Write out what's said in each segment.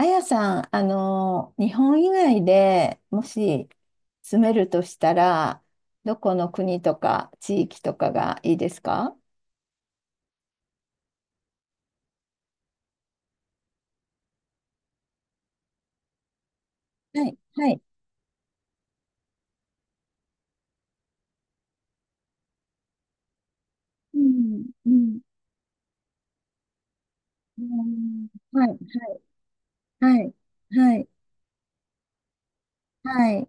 あやさん、日本以外でもし住めるとしたら、どこの国とか地域とかがいいですか？はい、はい。うん、うん、うん。はい、はい、はい、はい。はい、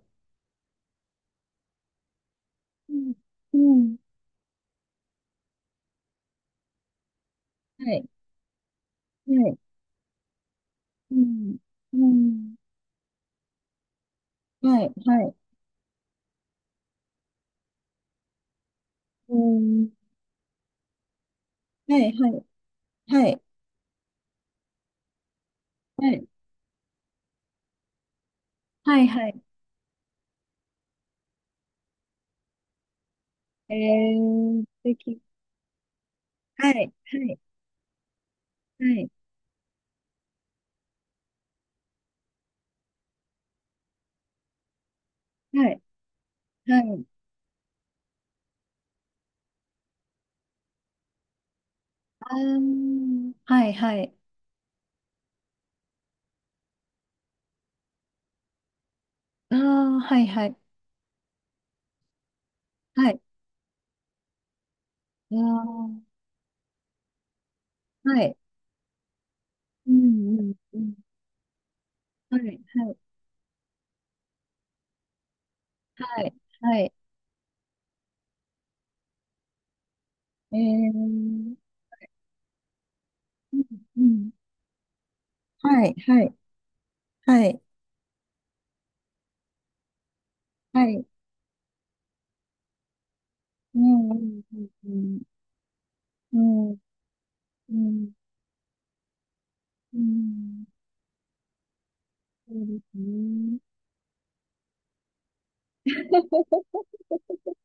うん、うん、はい、はい、うん、うん、はい、はい、うん、はい、はい、はい、はい、はい、はい。えー、素敵。はい、はい、はい、はい、はい。あー、はいはい。ああ、はいはい。はい。あー、はい。うんうんうん。はいはい。はい。はい。えー、うんうん。はいはいはい、あ、はい。うんうんうんうん。うんうんうん。そうですね。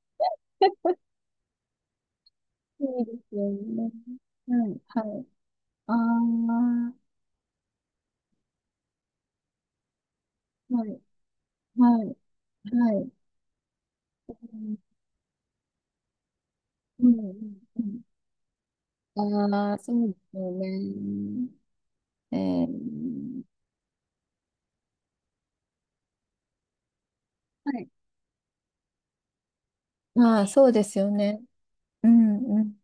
そうですよね。はいはい。ああ、はいはいはい。うんうんうん、ああ、そうですよね。えー、はい。まあ、そうですよね。うん、うん、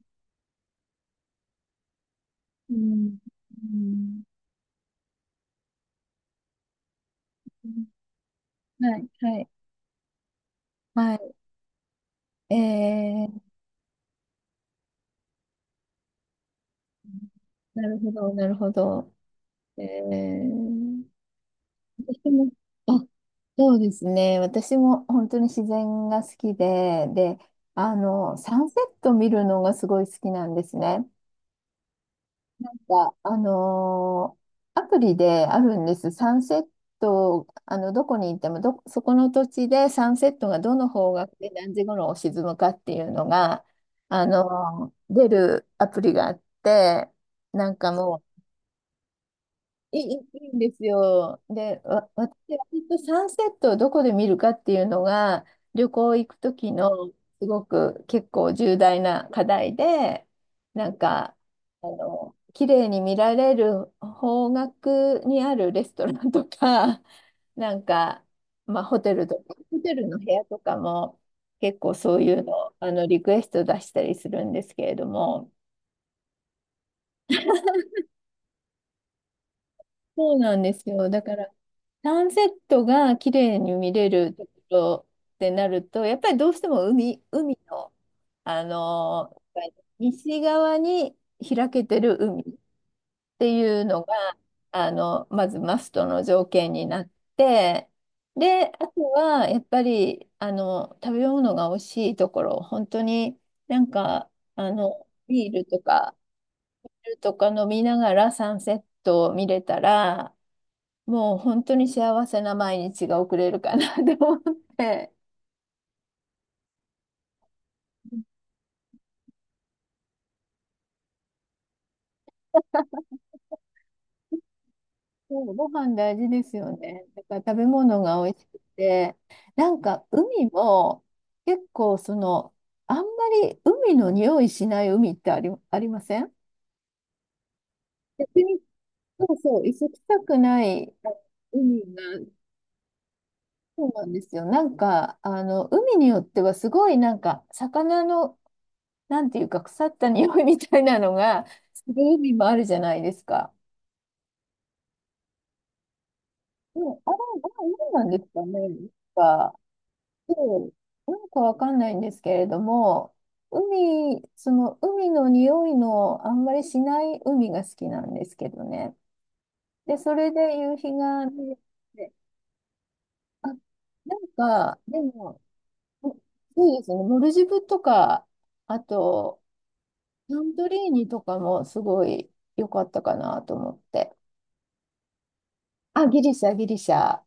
うん、うん、はい、はい、はい。えー、なるほど、なるほど。えー、私も、あ、そうですね。私も本当に自然が好きで、で、サンセット見るのがすごい好きなんですね。か、あのーアプリであるんです。サンセット、どこに行ってもそこの土地でサンセットがどの方角で何時頃沈むかっていうのが、出るアプリがあって、なんかもう、いいんですよ。で、私はきっとサンセットをどこで見るかっていうのが、旅行行く時のすごく結構重大な課題で、なんか、綺麗に見られる方角にあるレストランとか、なんか、まあ、ホテルとか、ホテルの部屋とかも結構そういうの、リクエスト出したりするんですけれども、そうなんですよ。だから、サンセットが綺麗に見れるところってなると、やっぱりどうしても海、海の、あの西側に開けてる海っていうのが、まずマストの条件になって、で、あとは、やっぱり、食べ物が美味しいところ、本当になんか、あの、ビールとか、ビールとか飲みながらサンセットを見れたら、もう本当に幸せな毎日が送れるかな って思って。そうご飯大事ですよね。だから食べ物が美味しくて、なんか海も結構あんまり海の匂いしない海ってありません？逆に、そうそう、磯臭くない、あ、海が、そうなんですよ。なんか、海によってはすごいなんか、魚の、なんていうか、腐った匂いみたいなのが、する海もあるじゃないですか。うん、あれ、あれ、何なんですかね。なんか、うん、なんかわかんないんですけれども、その海の匂いのあんまりしない海が好きなんですけどね。で、それで夕日が見れて、あ、なんか、でも、そうですね、モルジブとか、あと、サントリーニとかもすごい良かったかなと思って。あ、ギリシャ、ギリシャ。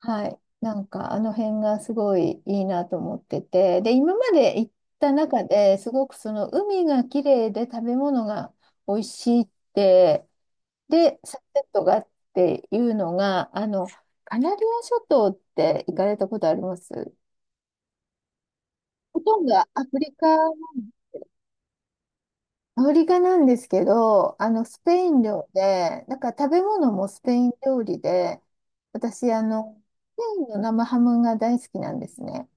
はい。なんかあの辺がすごいいいなと思ってて、で、今まで行った中ですごくその海が綺麗で食べ物が美味しいって、で、サンセットがっていうのが、カナリア諸島って行かれたことあります？ほとんどアフリカなんですけど、スペイン料で、なんか食べ物もスペイン料理で、私、スペインの生ハムが大好きなんですね。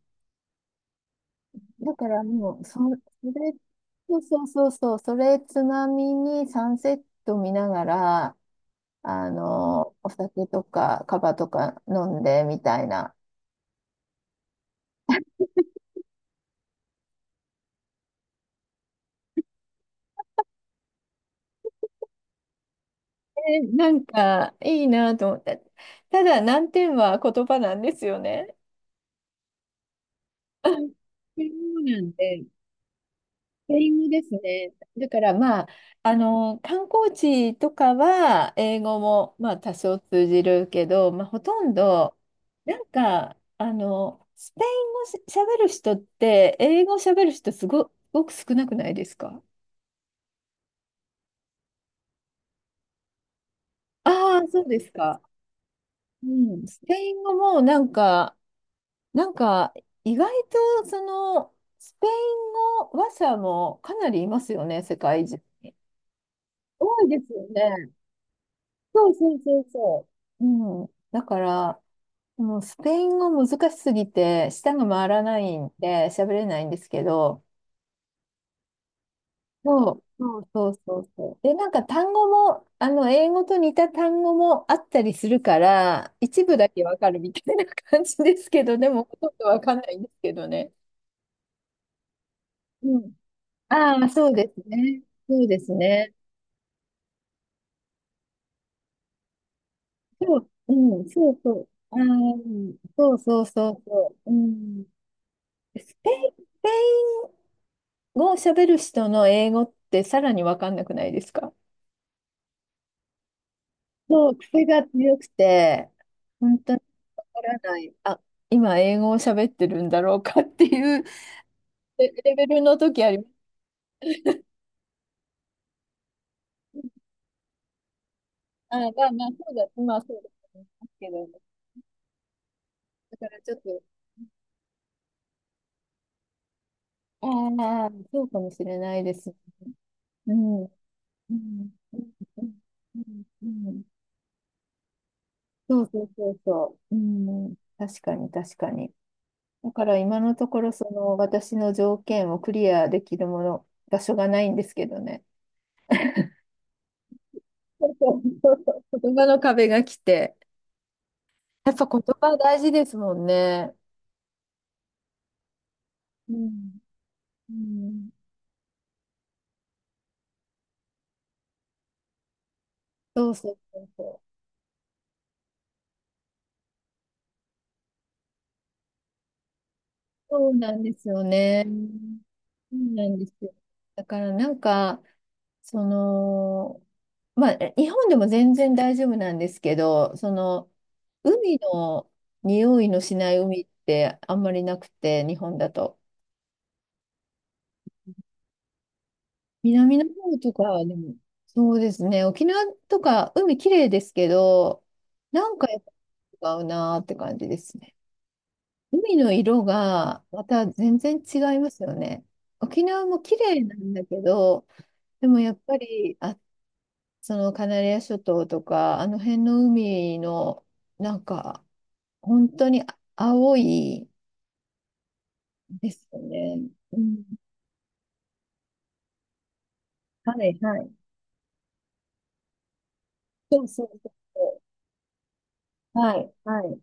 だからもう、れ、そうそうそうそう、それつまみにサンセット見ながら、お酒とかカバとか飲んでみたいな。えなんかいいなと思った。ただ難点は言葉なんですよね。そうなんで。スペイン語ですね。だからまあ、観光地とかは英語もまあ多少通じるけど、まあ、ほとんど、なんか、スペイン語しゃべる人って、英語しゃべる人すごく少なくないですか？ああ、そうですか。うん、スペイン語もなんか、なんか、意外とスペイン語話者もかなりいますよね、世界中。多いですよね。そうそうそうそう。うん。だから、もうスペイン語難しすぎて、舌が回らないんで、喋れないんですけど、そう、そうそうそうそう。で、なんか単語も、英語と似た単語もあったりするから、一部だけわかるみたいな感じですけど、でも、ほとんどわかんないんですけどね。うん。ああ、そうですね。そうですね。そう。うん、そうそう。ああ、うん、そうそうそうそう。うん。スペインスペイ語を喋る人の英語ってさらにわかんなくないですか？そう、癖が強くて、本当にわからない。あ、今英語を喋ってるんだろうかっていう レベルの時あります。あ、まあまあ、そうだ、まあそうだと思いますけど、だからちょっと、ああ、そうかもしれないですね。うん。うん。うん。うん。うん、そうそうそうそう。うん。確かに、確かに。だから今のところその私の条件をクリアできる場所がないんですけどね。そうそうそうそう、言葉の壁が来て。やっぱ言葉大事ですもんね。うん。うん。そうそうそうそう。そうなんですよね。そうなんですよ。だからなんか、その、まあ、え、日本でも全然大丈夫なんですけど、海の匂いのしない海ってあんまりなくて、日本だと。南の方とか、でも、そうですね。沖縄とか海綺麗ですけど、なんかやっぱ違うなーって感じですね。海の色がまた全然違いますよね。沖縄も綺麗なんだけど、でもやっぱり、あ、そのカナリア諸島とか、あの辺の海の、なんか、本当にあ青いですよね。うん。はい、はい。そうそうそうそう。はい、はい。